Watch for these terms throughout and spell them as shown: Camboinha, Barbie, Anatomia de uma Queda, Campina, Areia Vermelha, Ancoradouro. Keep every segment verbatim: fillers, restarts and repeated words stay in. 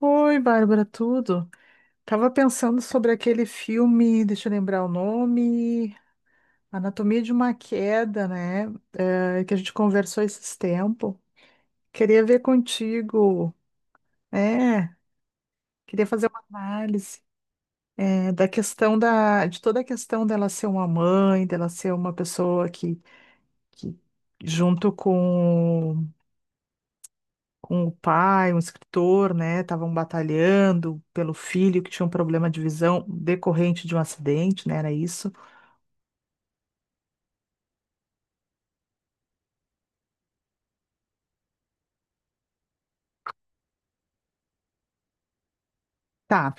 Oi, Bárbara, tudo? Tava pensando sobre aquele filme, deixa eu lembrar o nome, Anatomia de uma Queda, né? eh, que a gente conversou esses tempos. Queria ver contigo, é, queria fazer uma análise eh, da questão da, de toda a questão dela ser uma mãe, dela ser uma pessoa que, que junto com o pai, um escritor, né? Estavam batalhando pelo filho que tinha um problema de visão decorrente de um acidente, né? Era isso. Tá.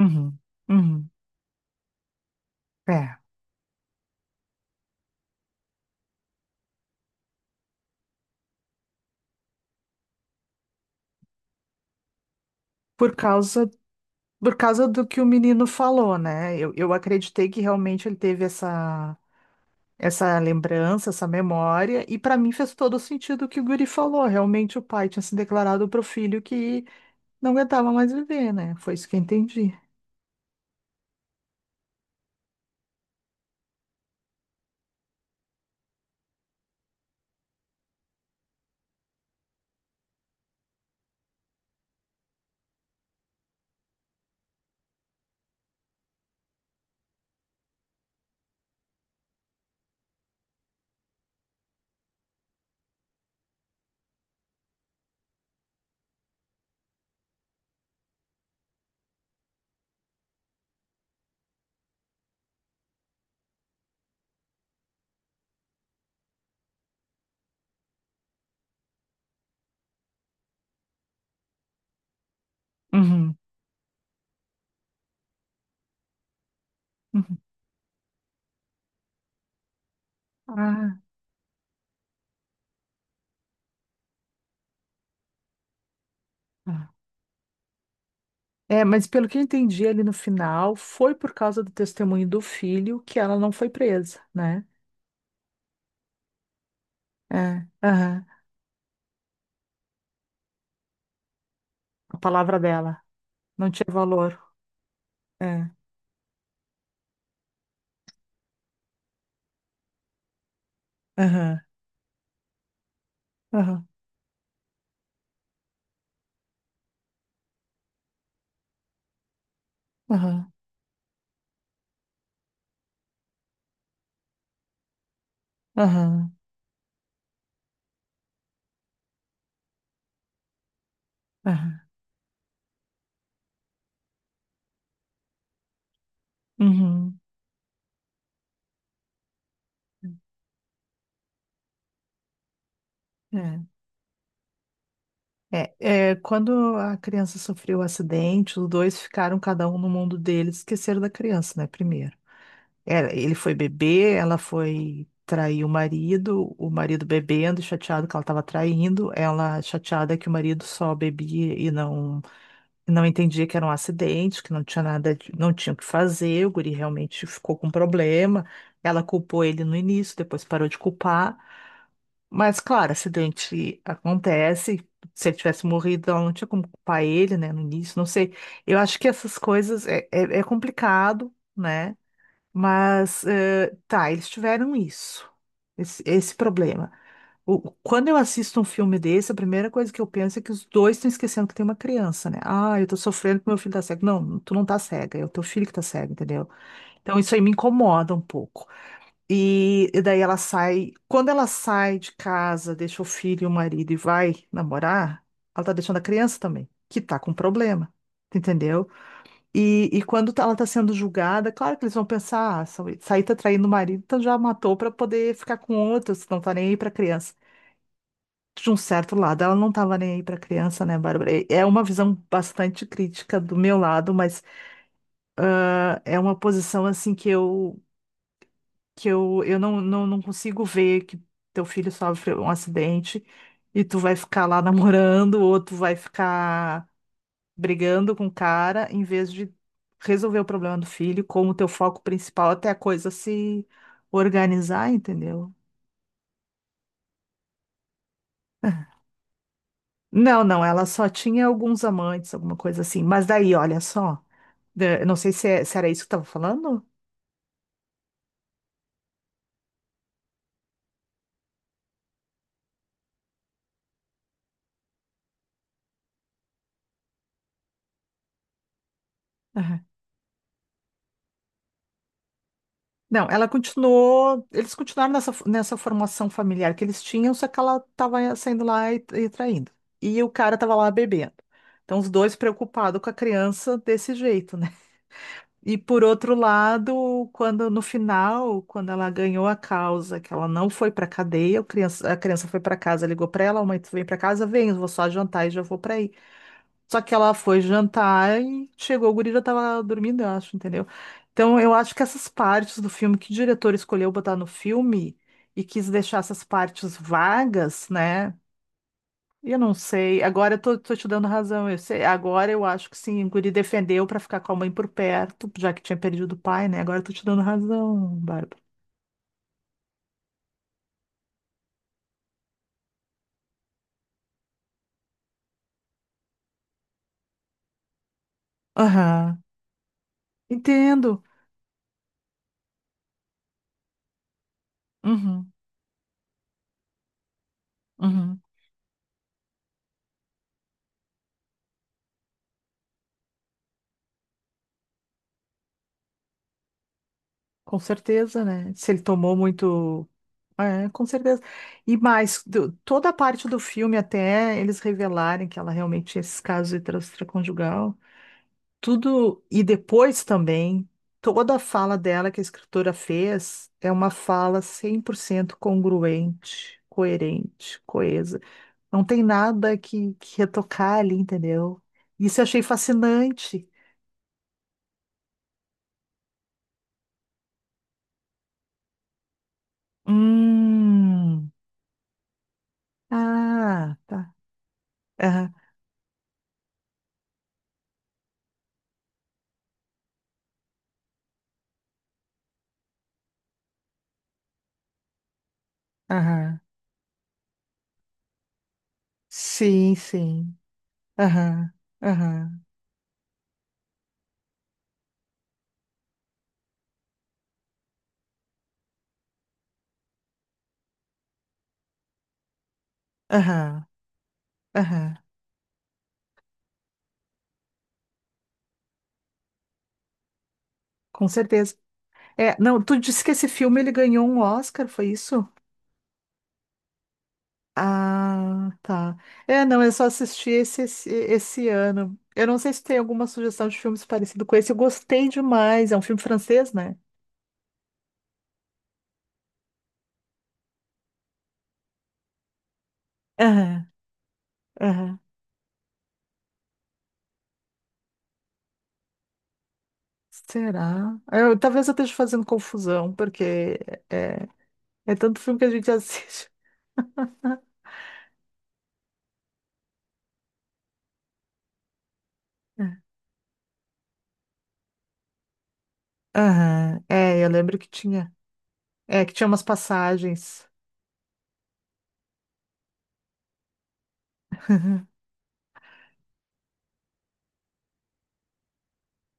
Uhum. Uhum. É. Por causa, por causa do que o menino falou, né? Eu, eu acreditei que realmente ele teve essa. Essa lembrança, essa memória, e para mim fez todo sentido o que o Guri falou. Realmente o pai tinha se declarado pro filho que não aguentava mais viver, né? Foi isso que eu entendi. Uhum, uhum. Ah, tá. É, mas pelo que eu entendi ali no final, foi por causa do testemunho do filho que ela não foi presa, né? É, aham. A palavra dela não tinha valor. É, aham, aham, aham, aham, aham, uhum. É, é, é, quando a criança sofreu o acidente, os dois ficaram cada um no mundo deles, esqueceram da criança, né? Primeiro. Era- ele foi beber, ela foi trair o marido, o marido bebendo, chateado que ela estava traindo, ela chateada que o marido só bebia e não, e não entendia que era um acidente, que não tinha nada, de- não tinha o que fazer, o guri realmente ficou com problema. Ela culpou ele no início, depois parou de culpar. Mas, claro, acidente acontece. Se ele tivesse morrido, ela não tinha como culpar ele, né, no início, não sei. Eu acho que essas coisas é, é é complicado, né? Mas, eh, tá, eles tiveram isso, esse, esse problema. O- quando eu assisto um filme desse, a primeira coisa que eu penso é que os dois estão esquecendo que tem uma criança, né? Ah, eu tô sofrendo porque meu filho tá cego. Não, tu não tá cega, é o teu filho que tá cego, entendeu? Então isso aí me incomoda um pouco. E, e daí ela sai, quando ela sai de casa, deixa o filho e o marido e vai namorar, ela tá deixando a criança também, que tá com problema, tu entendeu? E, e quando tá, ela está sendo julgada, claro que eles vão pensar, ah, essa essa aí tá traindo o marido, então já matou para poder ficar com outro, se não tá nem aí para criança. De um certo lado, ela não estava nem aí para criança, né, Bárbara? E é uma visão bastante crítica do meu lado, mas ah, é uma posição assim que eu que eu, eu não, não, não consigo ver que teu filho sofre um acidente e tu vai ficar lá namorando, ou tu vai ficar brigando com o cara em vez de resolver o problema do filho como teu foco principal até a coisa se organizar, entendeu? Não, não, ela só tinha alguns amantes, alguma coisa assim. Mas daí, olha só, eh, eu não sei se, é- se era isso que estava falando. Aham. Não, ela continuou, eles continuaram nessa, nessa formação familiar que eles tinham, só que ela estava saindo lá e, e traindo. E o cara estava lá bebendo. Então, os dois preocupados com a criança desse jeito, né? E por outro lado, quando no final, quando ela ganhou a causa, que ela não foi para cadeia, o criança- a criança foi para casa, ligou para ela, a mãe, tu vem para casa, vem, eu vou só jantar e já vou para aí. Só que ela foi jantar e chegou, o guri já tava dormindo, eu acho, entendeu? Então eu acho que essas partes do filme que o diretor escolheu botar no filme e quis deixar essas partes vagas, né? Eu não sei. Agora eu tô, tô te dando razão. Eu sei. Agora eu acho que sim, o guri defendeu pra ficar com a mãe por perto, já que tinha perdido o pai, né? Agora eu tô te dando razão, Bárbara. Aham. Entendo. Uhum, uhum. Com certeza, né? Se ele tomou muito. É, com certeza. E mais, do- toda a parte do filme, até eles revelarem que ela realmente tinha esses casos de extraconjugal. Tudo. E depois também, toda a fala dela que a escritora fez é uma fala cem por cento congruente, coerente, coesa. Não tem nada que, que retocar ali, entendeu? Isso eu achei fascinante. Hum. Ah, tá. Aham, aham. Sim, sim. Aham, aham, aham, aham. Com certeza. É, não, tu disse que esse filme ele ganhou um Oscar, foi isso? Ah, tá. É, não, eu só assisti esse, esse, esse ano. Eu não sei se tem alguma sugestão de filmes parecido com esse. Eu gostei demais. É um filme francês, né? Aham, aham. Será? Eu- talvez eu esteja fazendo confusão, porque é, é tanto filme que a gente assiste. É. Aham. É, eu lembro que tinha. É, que tinha umas passagens.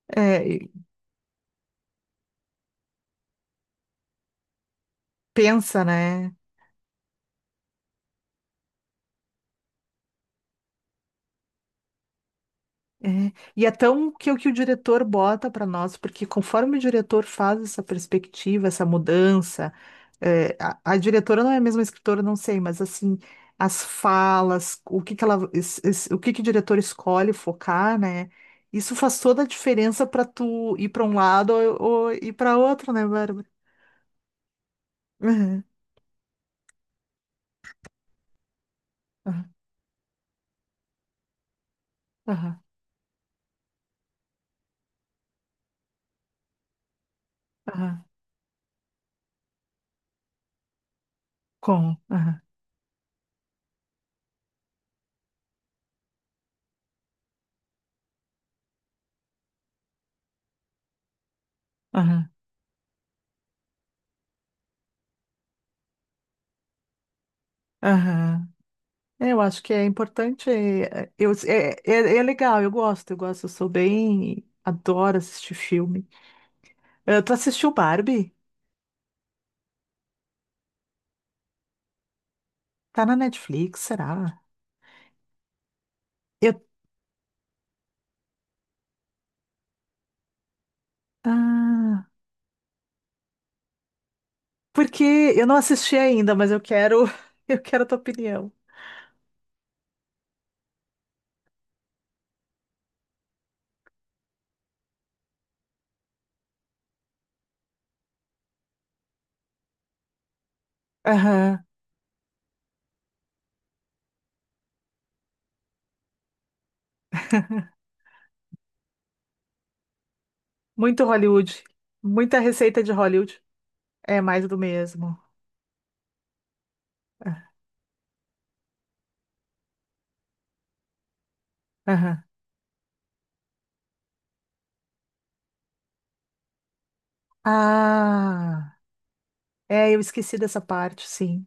É, e pensa, né? É, e é tão que o que o diretor bota para nós, porque conforme o diretor faz essa perspectiva, essa mudança, é, a, a diretora não é a mesma escritora, não sei, mas assim, as falas, o que que ela, es- es- o que que o diretor escolhe focar, né? Isso faz toda a diferença para tu ir para um lado ou, ou ir para outro, né, Bárbara? Aham, aham, aham, aham, com, aham, aham, aham. É, eu acho que é importante. é, Eu, é, é, é legal, eu gosto, eu gosto, eu sou bem. Adoro assistir filme. Eh, tu assistiu Barbie? Tá na Netflix, será? Eu, ah, porque eu não assisti ainda, mas eu quero, eu quero a tua opinião. Aham. Muito Hollywood. Muita receita de Hollywood. É mais do mesmo. Ah, aham. Ah, é, eu esqueci dessa parte, sim.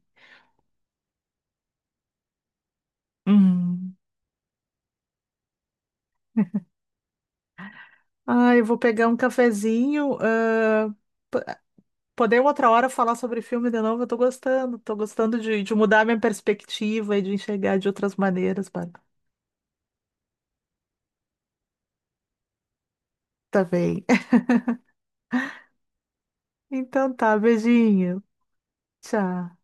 Uhum. Ah, eu vou pegar um cafezinho. ah, Poder outra hora falar sobre filme de novo, eu tô gostando. Tô gostando de, de mudar minha perspectiva e de enxergar de outras maneiras, Bárbara. Tá bem. Então tá, beijinho. Tchau.